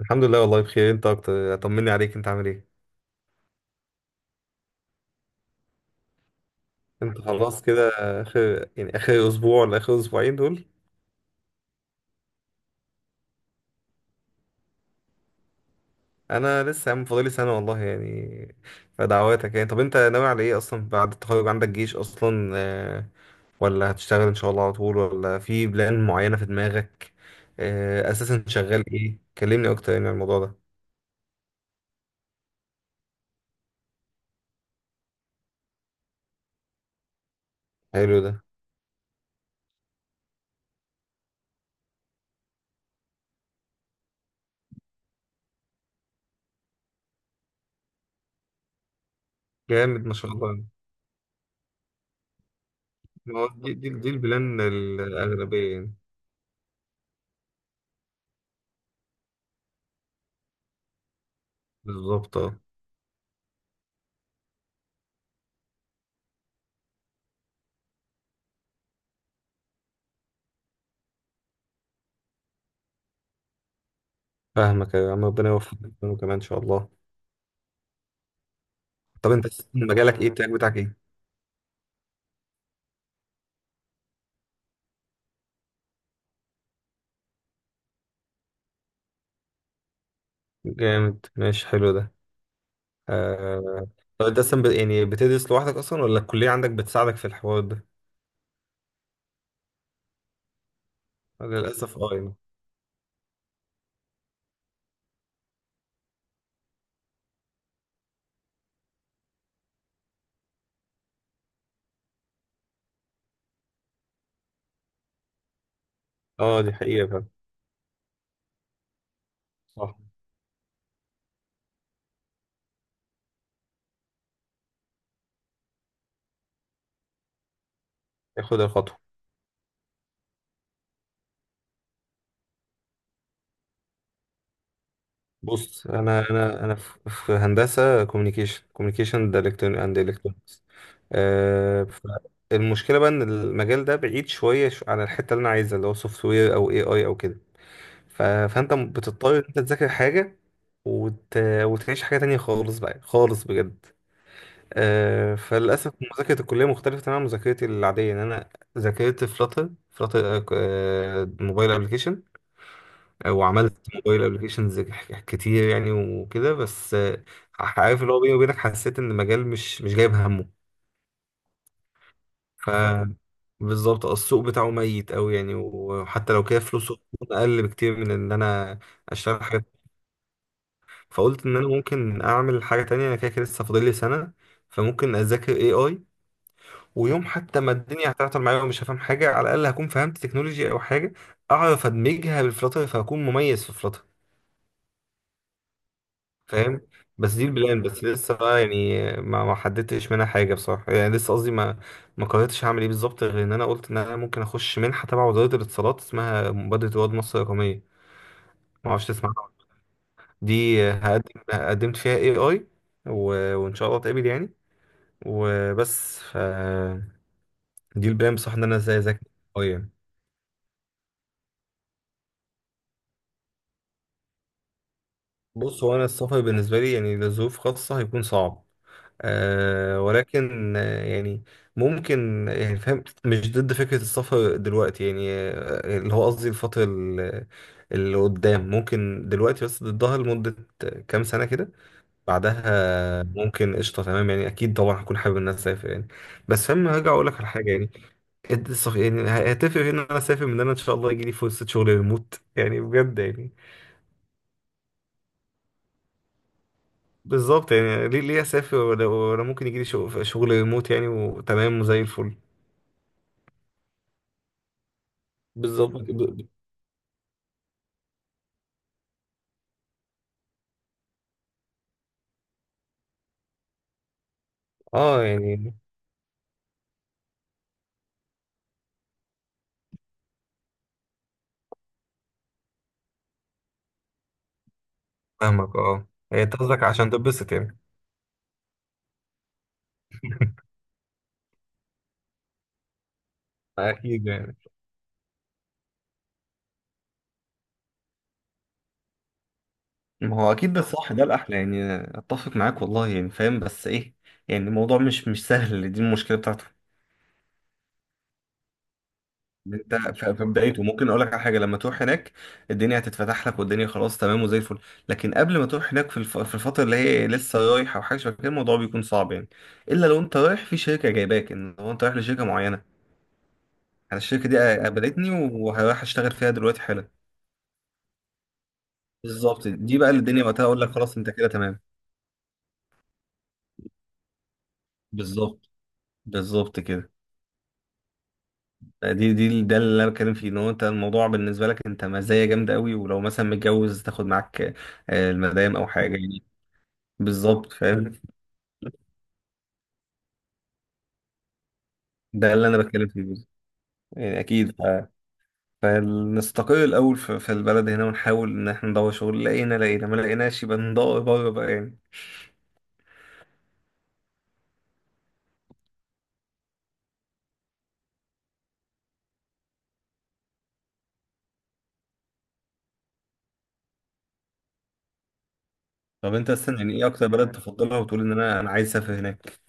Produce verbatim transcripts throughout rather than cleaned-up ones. الحمد لله، والله بخير. انت اكتر، طمني عليك، انت عامل ايه؟ انت الحمد لله خلاص كده؟ اخر يعني اخر اسبوع ولا اخر اسبوعين دول؟ انا لسه يا عم فاضلي سنه والله يعني، فدعواتك يعني. طب انت ناوي على ايه اصلا بعد التخرج؟ عندك جيش اصلا؟ آه، ولا هتشتغل ان شاء الله على طول، ولا في بلان معينه في دماغك؟ آه، اساسا شغال ايه؟ كلمني اكتر يعني عن الموضوع ده. حلو ده، جامد ما شاء الله. ما هو دي دي, دي البلان الاغلبيه يعني. بالظبط اه. فاهمك يا عم، ربنا يوفقك كمان ان شاء الله. طب انت أساساً مجالك ايه؟ التراك بتاعك ايه؟ جامد، ماشي، حلو ده. آه... طب انت اصلا ب... يعني بتدرس لوحدك اصلا ولا الكلية عندك بتساعدك في الحوار ده؟ للاسف اه يعني. اه، دي حقيقة فعلا. صح. ياخد الخطوة. بص، انا انا انا في في هندسة كوميونيكيشن كوميونيكيشن اند الكترونكس. آه... المشكلة بقى ان المجال ده بعيد شوية عن الحتة اللي انا عايزها، اللي هو سوفت وير او اي اي او كده. ف... فانت بتضطر ان انت تذاكر حاجه وت... وتعيش حاجه تانية خالص بقى، خالص بجد. آه فللاسف مذاكره الكليه مختلفه تماما عن مذاكرتي العاديه، ان انا ذاكرت فلاتر فلاتر، موبايل ابلكيشن، وعملت موبايل ابلكيشنز كتير يعني وكده، بس آه، عارف، اللي هو بيني وبينك، حسيت ان المجال مش مش جايب همه. ف بالظبط. آه، السوق بتاعه ميت قوي يعني، وحتى لو كده فلوسه اقل بكتير من ان انا اشتغل حاجات. فقلت ان انا ممكن اعمل حاجه تانية، انا كده كده لسه فاضل لي سنه، فممكن اذاكر اي اي. ويوم حتى ما الدنيا هتعطل معايا ومش هفهم حاجه، على الاقل هكون فهمت تكنولوجي او حاجه اعرف ادمجها بالفلاتر، فهكون مميز في فلاتر، فاهم. بس دي البلان، بس لسه بقى يعني ما ما حددتش منها حاجه بصراحه يعني. لسه قصدي ما ما قررتش هعمل ايه بالظبط، غير ان انا قلت ان انا ممكن اخش منحه تبع وزاره الاتصالات اسمها مبادره رواد مصر الرقميه، ما اعرفش تسمع عنها. دي هقدم، قدمت فيها اي اي و... وان شاء الله اتقبل يعني، وبس. ف دي البداية، بصح ان انا ازاي اذاكر قوية. بص، هو انا السفر بالنسبة لي يعني لظروف خاصة هيكون صعب، أه، ولكن آه، يعني ممكن، يعني فاهم، مش ضد فكرة السفر دلوقتي يعني. آه، اللي هو قصدي الفترة ال- اللي قدام ممكن دلوقتي، بس ضدها لمدة كام سنة كده. بعدها ممكن قشطة، تمام يعني. أكيد طبعا هكون حابب إن أنا أسافر يعني، بس فاهم، هرجع أقول لك على حاجة يعني. إد- الصف- يعني ه- هتفرق في ان انا اسافر من ان انا ان شاء الله يجي لي فرصه شغل ريموت يعني، بجد يعني. بالظبط يعني. ليه ليه اسافر ولا ولا ممكن يجي لي شغل شغل ريموت يعني، وتمام وزي الفل. بالظبط. ب- ب- اه يعني، فاهمك، اه، هي أنت قصدك عشان تتبسط يعني؟ اكيد يعني. ما هو اكيد ده الصح، ده الاحلى يعني، اتفق معاك والله يعني فاهم. بس ايه يعني، الموضوع مش مش سهل، دي المشكله بتاعته. انت ف- في بدايته ممكن اقول لك على حاجه، لما تروح هناك الدنيا هتتفتح لك، والدنيا خلاص تمام وزي الفل. لكن قبل ما تروح هناك، في الف... في الفتره اللي هي لسه رايحه او حاجه شبه كده، الموضوع بيكون صعب يعني، الا لو انت رايح في شركه جايباك، ان هو انت رايح لشركه معينه. انا الشركه دي قابلتني وهروح اشتغل فيها دلوقتي حالا. بالظبط، دي بقى اللي الدنيا وقتها اقول لك خلاص انت كده تمام. بالظبط بالظبط كده. دي دي ده اللي انا بتكلم فيه، ان هو انت الموضوع بالنسبه لك انت مزايا جامده قوي، ولو مثلا متجوز تاخد معاك آه، المدام او حاجه يعني. بالظبط فاهم، ده اللي انا بتكلم فيه بالظبط. يعني اكيد. ف- فنستقل الاول في في البلد هنا، ونحاول ان احنا ندور شغل. لقينا لقينا، ما لقيناش، يبقى ندور بره بقى يعني. طب انت اصلا يعني ايه اكتر بلد تفضلها، وتقول ان انا انا عايز اسافر هناك؟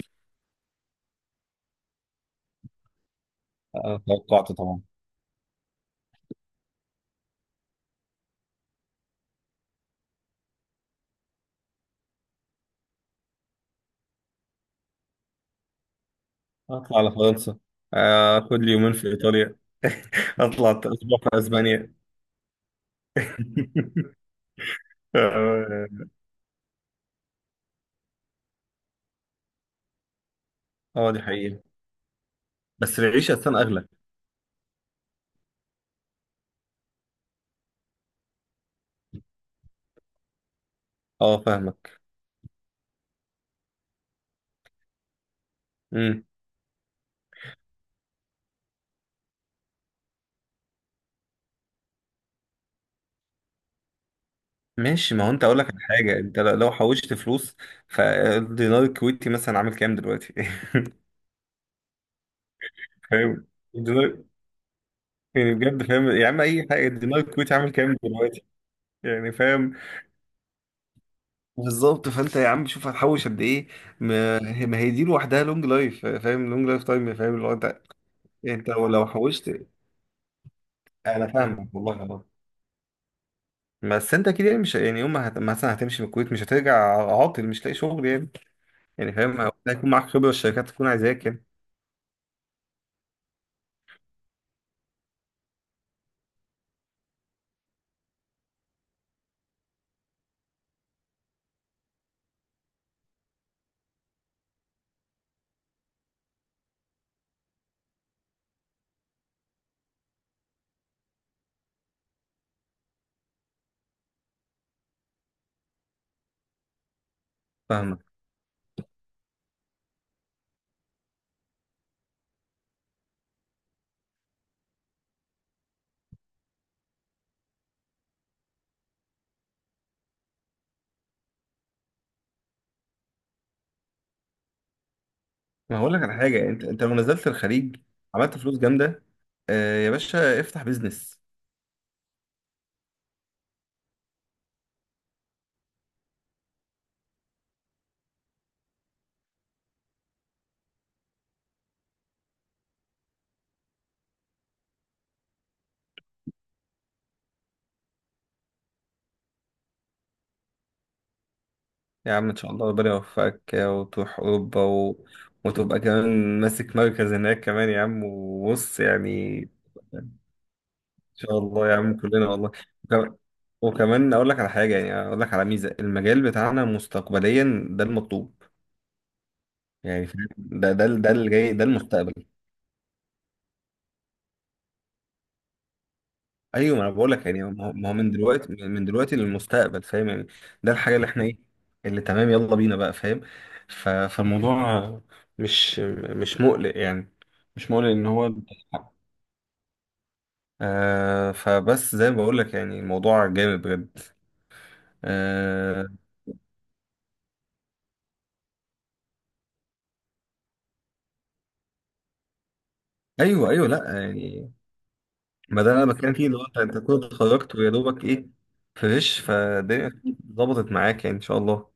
أنا توقعت طبعا. اطلع على فرنسا، آه، اخد لي يومين في ايطاليا، اطلع اسبوع في اسبانيا. اه، آه، دي حقيقة. بس العيشة اصلا اغلى. اه، فاهمك. امم. ماشي، ما هو انت اقول لك على حاجة. انت لو لو حوشت فلوس، فالدينار الكويتي مثلا عامل كام دلوقتي؟ فاهم. دينار، يعني بجد فاهم يا عم، اي حاجه. الدينار الكويتي عامل كام دلوقتي؟ يعني فاهم. بالظبط، فانت يا عم شوف هتحوش قد ايه. ما هي ما هي دي لوحدها لونج لايف، فاهم، لونج لايف تايم، فاهم، اللي هو انت، انت لو حوشت. انا فاهمك والله والله. بس انت كده يعني مش يعني، يوم ما هت... مثلا هتمشي من الكويت مش هترجع عاطل مش لاقي شغل يعني. يعني فاهم، أو هيكون معاك خبره، الشركات تكون عايزاك يعني. فاهمك. ما هقول لك على حاجه. انت انت لو نزلت الخليج، عملت فلوس جامده، آه يا باشا افتح بيزنس. يا عم ان شاء الله ربنا يوفقك وتروح اوروبا و... وتبقى كمان ماسك مركز هناك كمان يا عم، وبص يعني. ان شاء الله يا عم، كلنا والله. وكمان، وكمان اقول لك على حاجه يعني، اقول لك على ميزه المجال بتاعنا. مستقبليا ده المطلوب، يعني فاهم؟ ده ده ده اللي جاي، ده المستقبل. ايوه، ما انا بقول لك يعني، ما هو ما هو من دلوقتي من دلوقتي للمستقبل، فاهم يعني. ده الحاجه اللي احنا ايه، اللي تمام، يلا بينا بقى، فاهم. ف- فالموضوع مش مش مقلق يعني، مش مقلق ان هو. آه فبس زي ما بقول لك يعني الموضوع جامد بجد. آه، ايوه ايوه، لا يعني. ما ده انا بتكلم فيه، اللي هو انت انت كنت اتخرجت ويا دوبك ايه، فريش فالدنيا، ظبطت معاك يعني ان شاء الله.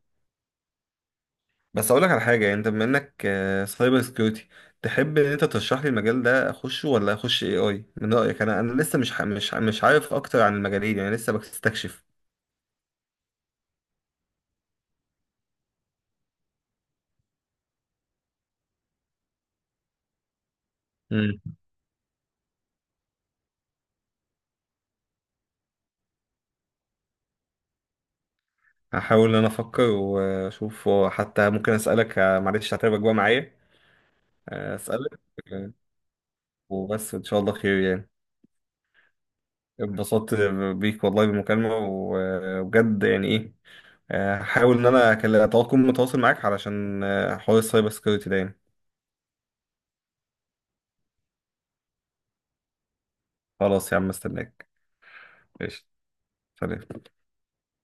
بس اقول لك على حاجه يعني، انت بما انك سايبر سكيورتي، تحب ان انت ترشح لي المجال ده اخشه، ولا اخش اي اي؟ من رايك، انا انا لسه مش ح- مش ع- مش عارف اكتر عن المجالين يعني، لسه بستكشف. مم. هحاول ان انا افكر واشوف، حتى ممكن اسالك، آه، معلش هتعبك بقى معايا. آه، اسالك آه، وبس ان شاء الله خير يعني. اتبسطت بيك والله بالمكالمه و- وبجد يعني ايه. آه، هحاول ان انا أكل- اكون متواصل معاك علشان آه، حوار السايبر سكيورتي ده يعني. خلاص يا عم، استناك. ايش؟ سلام.